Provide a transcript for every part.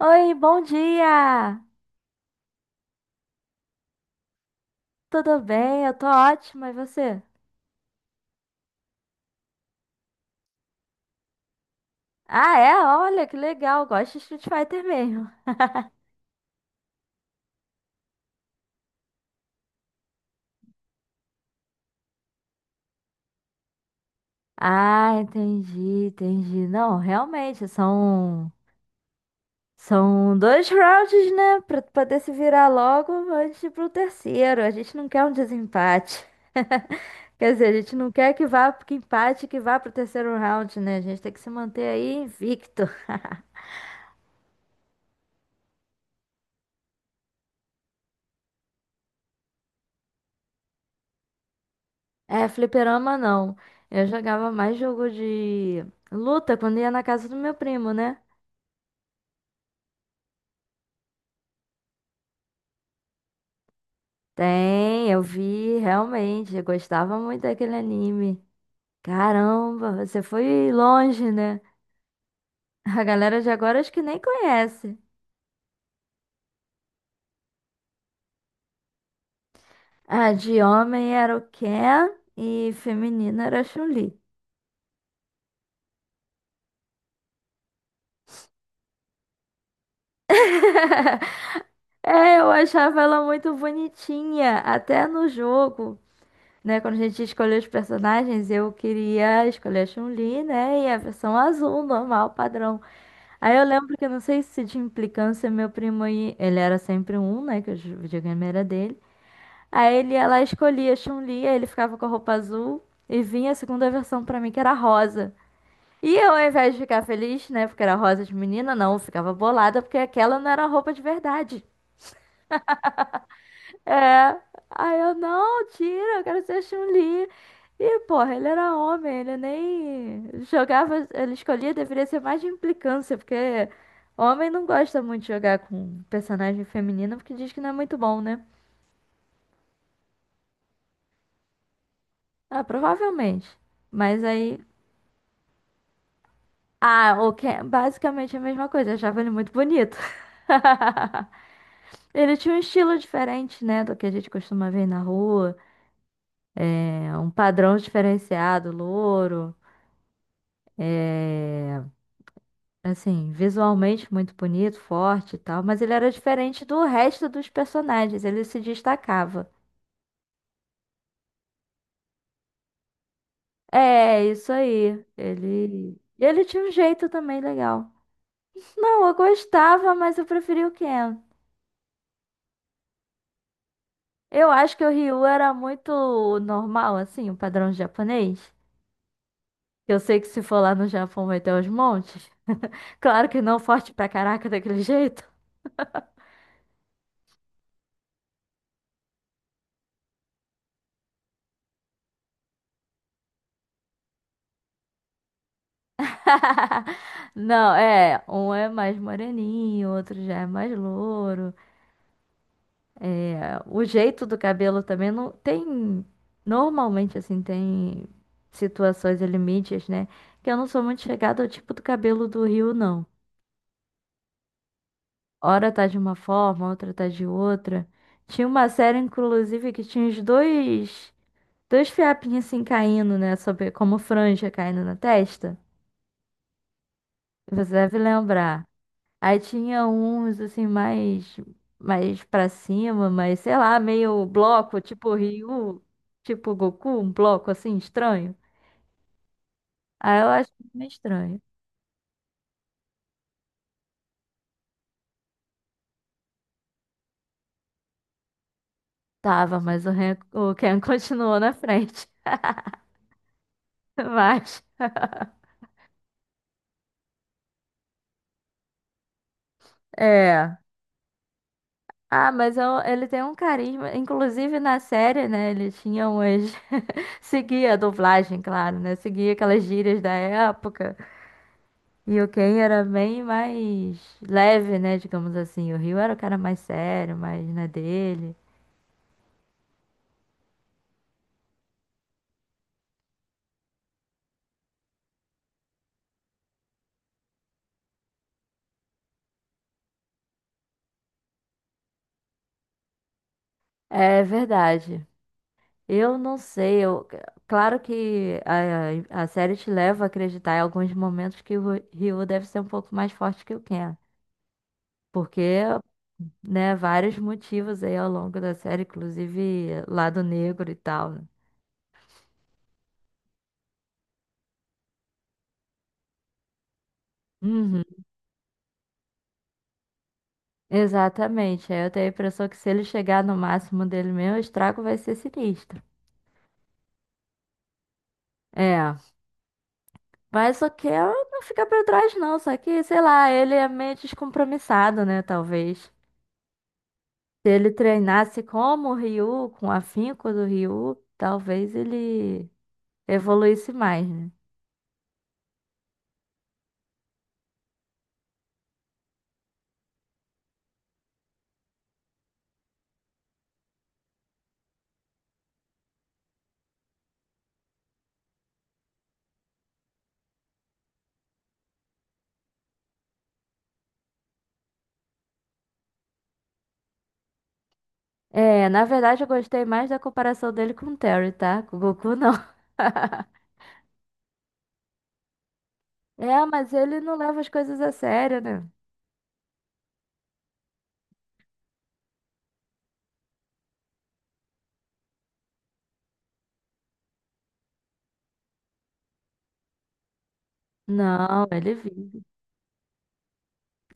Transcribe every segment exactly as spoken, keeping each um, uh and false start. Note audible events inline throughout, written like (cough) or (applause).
Oi, bom dia! Tudo bem? Eu tô ótima, e você? Ah, é? Olha, que legal, gosto de Street Fighter mesmo. (laughs) Ah, entendi, entendi. Não, realmente, são, são dois rounds, né? Pra tu poder se virar logo antes de ir pro terceiro. A gente não quer um desempate. (laughs) Quer dizer, a gente não quer que vá, que empate, que vá pro terceiro round, né? A gente tem que se manter aí invicto. É, fliperama não. Eu jogava mais jogo de luta quando ia na casa do meu primo, né? Tem, eu vi, realmente. Eu gostava muito daquele anime. Caramba, você foi longe, né? (laughs) A galera de agora acho que nem conhece. Ah, de homem era o Ken e feminina era a Chun-Li. (laughs) É, eu achava ela muito bonitinha, até no jogo, né, quando a gente escolheu os personagens, eu queria escolher a Chun-Li, né, e a versão azul, normal, padrão. Aí eu lembro que, não sei se de implicância, meu primo, ia- ele era sempre um, né, que o videogame era dele. Aí ele ia lá, escolhia a Chun-Li, aí ele ficava com a roupa azul e vinha a segunda versão pra mim, que era rosa. E eu, ao invés de ficar feliz, né, porque era rosa de menina, não, eu ficava bolada, porque aquela não era a roupa de verdade. É. Aí eu, não, tira, eu quero ser a Chun-Li. E, porra, ele era homem, ele nem jogava, ele escolhia, deveria ser mais de implicância, porque homem não gosta muito de jogar com personagem feminino, porque diz que não é muito bom, né? Ah, provavelmente. Mas aí. Ah, o que é basicamente a mesma coisa, eu achava ele muito bonito. (laughs) Ele tinha um estilo diferente, né, do que a gente costuma ver na rua. É um padrão diferenciado, louro. É... Assim, visualmente muito bonito, forte e tal, mas ele era diferente do resto dos personagens, ele se destacava. É, isso aí. Ele. E ele tinha um jeito também legal. Não, eu gostava, mas eu preferi o Ken. Eu acho que o Ryu era muito normal, assim, o padrão japonês. Eu sei que se for lá no Japão vai ter os montes. Claro que não forte pra caraca daquele jeito. (laughs) Não, é, um é mais moreninho, outro já é mais louro. O jeito do cabelo também não tem. Normalmente, assim, tem situações e limites, né? Que eu não sou muito chegada ao tipo do cabelo do Rio, não. Hora tá de uma forma, outra tá de outra. Tinha uma série, inclusive, que tinha os dois, dois fiapinhos assim caindo, né? Sobre, como franja caindo na testa. Você deve lembrar. Aí tinha uns assim mais mais para cima, mas sei lá, meio bloco, tipo Ryu, tipo Goku, um bloco assim estranho. Aí eu acho meio estranho. Tava, mas o, Ren, o Ken (laughs) continuou na frente. (laughs) Mas é. Ah, mas eu- ele tem um carisma, inclusive na série, né? Ele tinha umas (laughs) seguia a dublagem, claro, né? Seguia aquelas gírias da época. E o Ken era bem mais leve, né? Digamos assim. O Rio era o cara mais sério, mais na dele. É verdade. Eu não sei. Eu... Claro que a, a série te leva a acreditar em alguns momentos que o Rio deve ser um pouco mais forte que o Ken. Porque, né, vários motivos aí ao longo da série, inclusive lado negro e tal, né? Uhum. Exatamente. Aí eu tenho a impressão que se ele chegar no máximo dele mesmo, o estrago vai ser sinistro. É. Mas o que ela não fica pra trás, não. Só que, sei lá, ele é meio descompromissado, né? Talvez. Se ele treinasse como o Ryu, com o afinco do Ryu, talvez ele evoluísse mais, né? É, na verdade eu gostei mais da comparação dele com o Terry, tá? Com o Goku, não. (laughs) É, mas ele não leva as coisas a sério, né? Não, ele vive.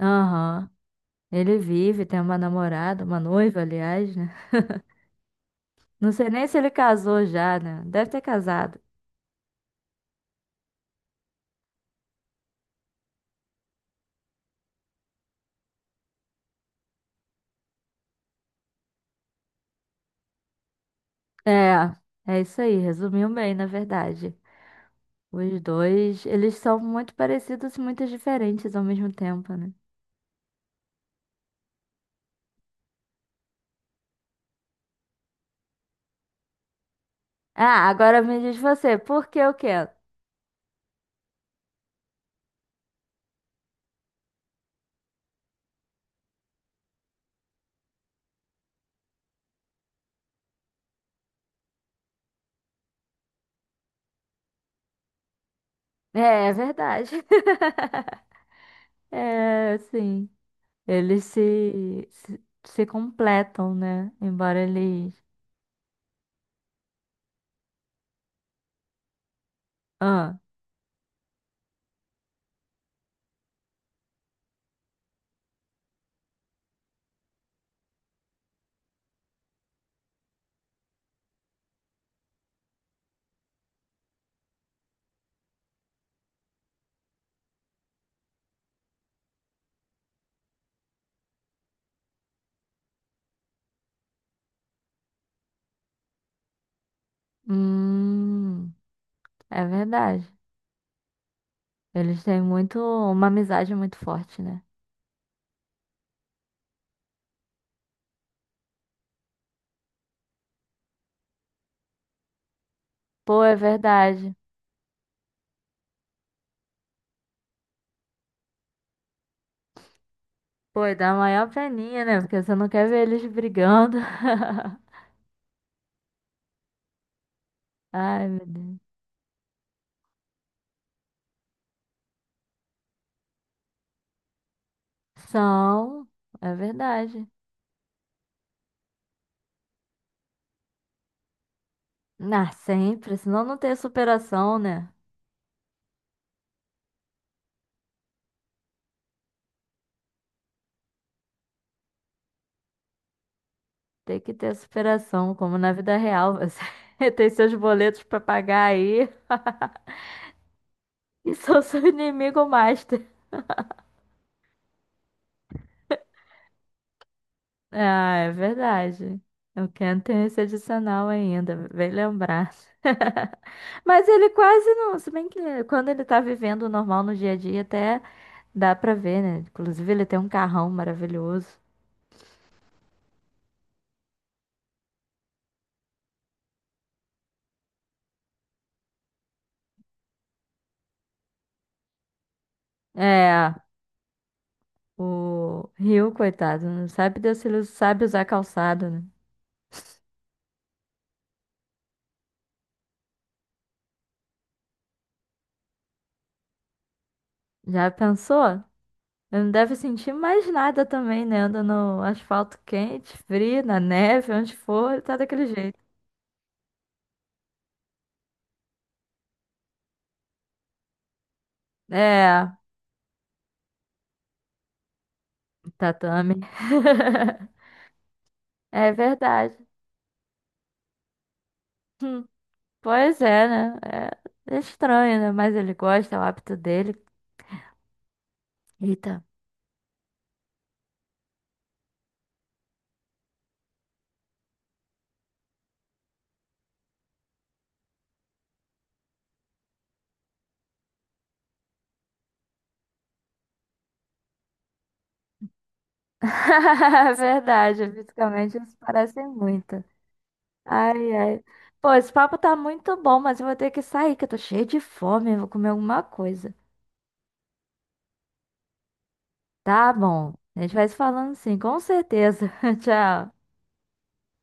Aham. Ele vive, tem uma namorada, uma noiva, aliás, né? Não sei nem se ele casou já, né? Deve ter casado. É, é isso aí, resumiu bem, na verdade. Os dois, eles são muito parecidos e muito diferentes ao mesmo tempo, né? Ah, agora me diz você, por que o quê? É, é verdade. (laughs) É, sim. Eles se, se, se completam, né? Embora eles. Ah, hum, é verdade. Eles têm muito, uma amizade muito forte, né? Pô, é verdade. Pô, e dá maior peninha, né? Porque você não quer ver eles brigando. (laughs) Ai, meu Deus. São, é verdade. Ah, sempre, senão não tem superação, né? Tem que ter superação, como na vida real. Você (laughs) tem seus boletos pra pagar aí (laughs) e sou seu inimigo master. Ah, é verdade. O Ken tem esse adicional ainda, bem lembrar. Mas ele quase não. Se bem que quando ele tá vivendo o normal no dia a dia, até dá pra ver, né? Inclusive, ele tem um carrão maravilhoso. É, o Rio, coitado, não sabe Deus se ele sabe usar calçado, né? Já pensou? Ele não deve sentir mais nada também, né? Anda no asfalto quente, frio, na neve, onde for, ele tá daquele jeito. É, tatame. (laughs) É verdade. Hum, Pois é, né? É é estranho, né? Mas ele gosta, é o hábito dele. Eita. (laughs) Verdade, fisicamente eles parecem muito. Ai, ai. Pô, esse papo tá muito bom, mas eu vou ter que sair, que eu tô cheia de fome, eu vou comer alguma coisa. Tá bom. A gente vai se falando sim, com certeza. (laughs) Tchau.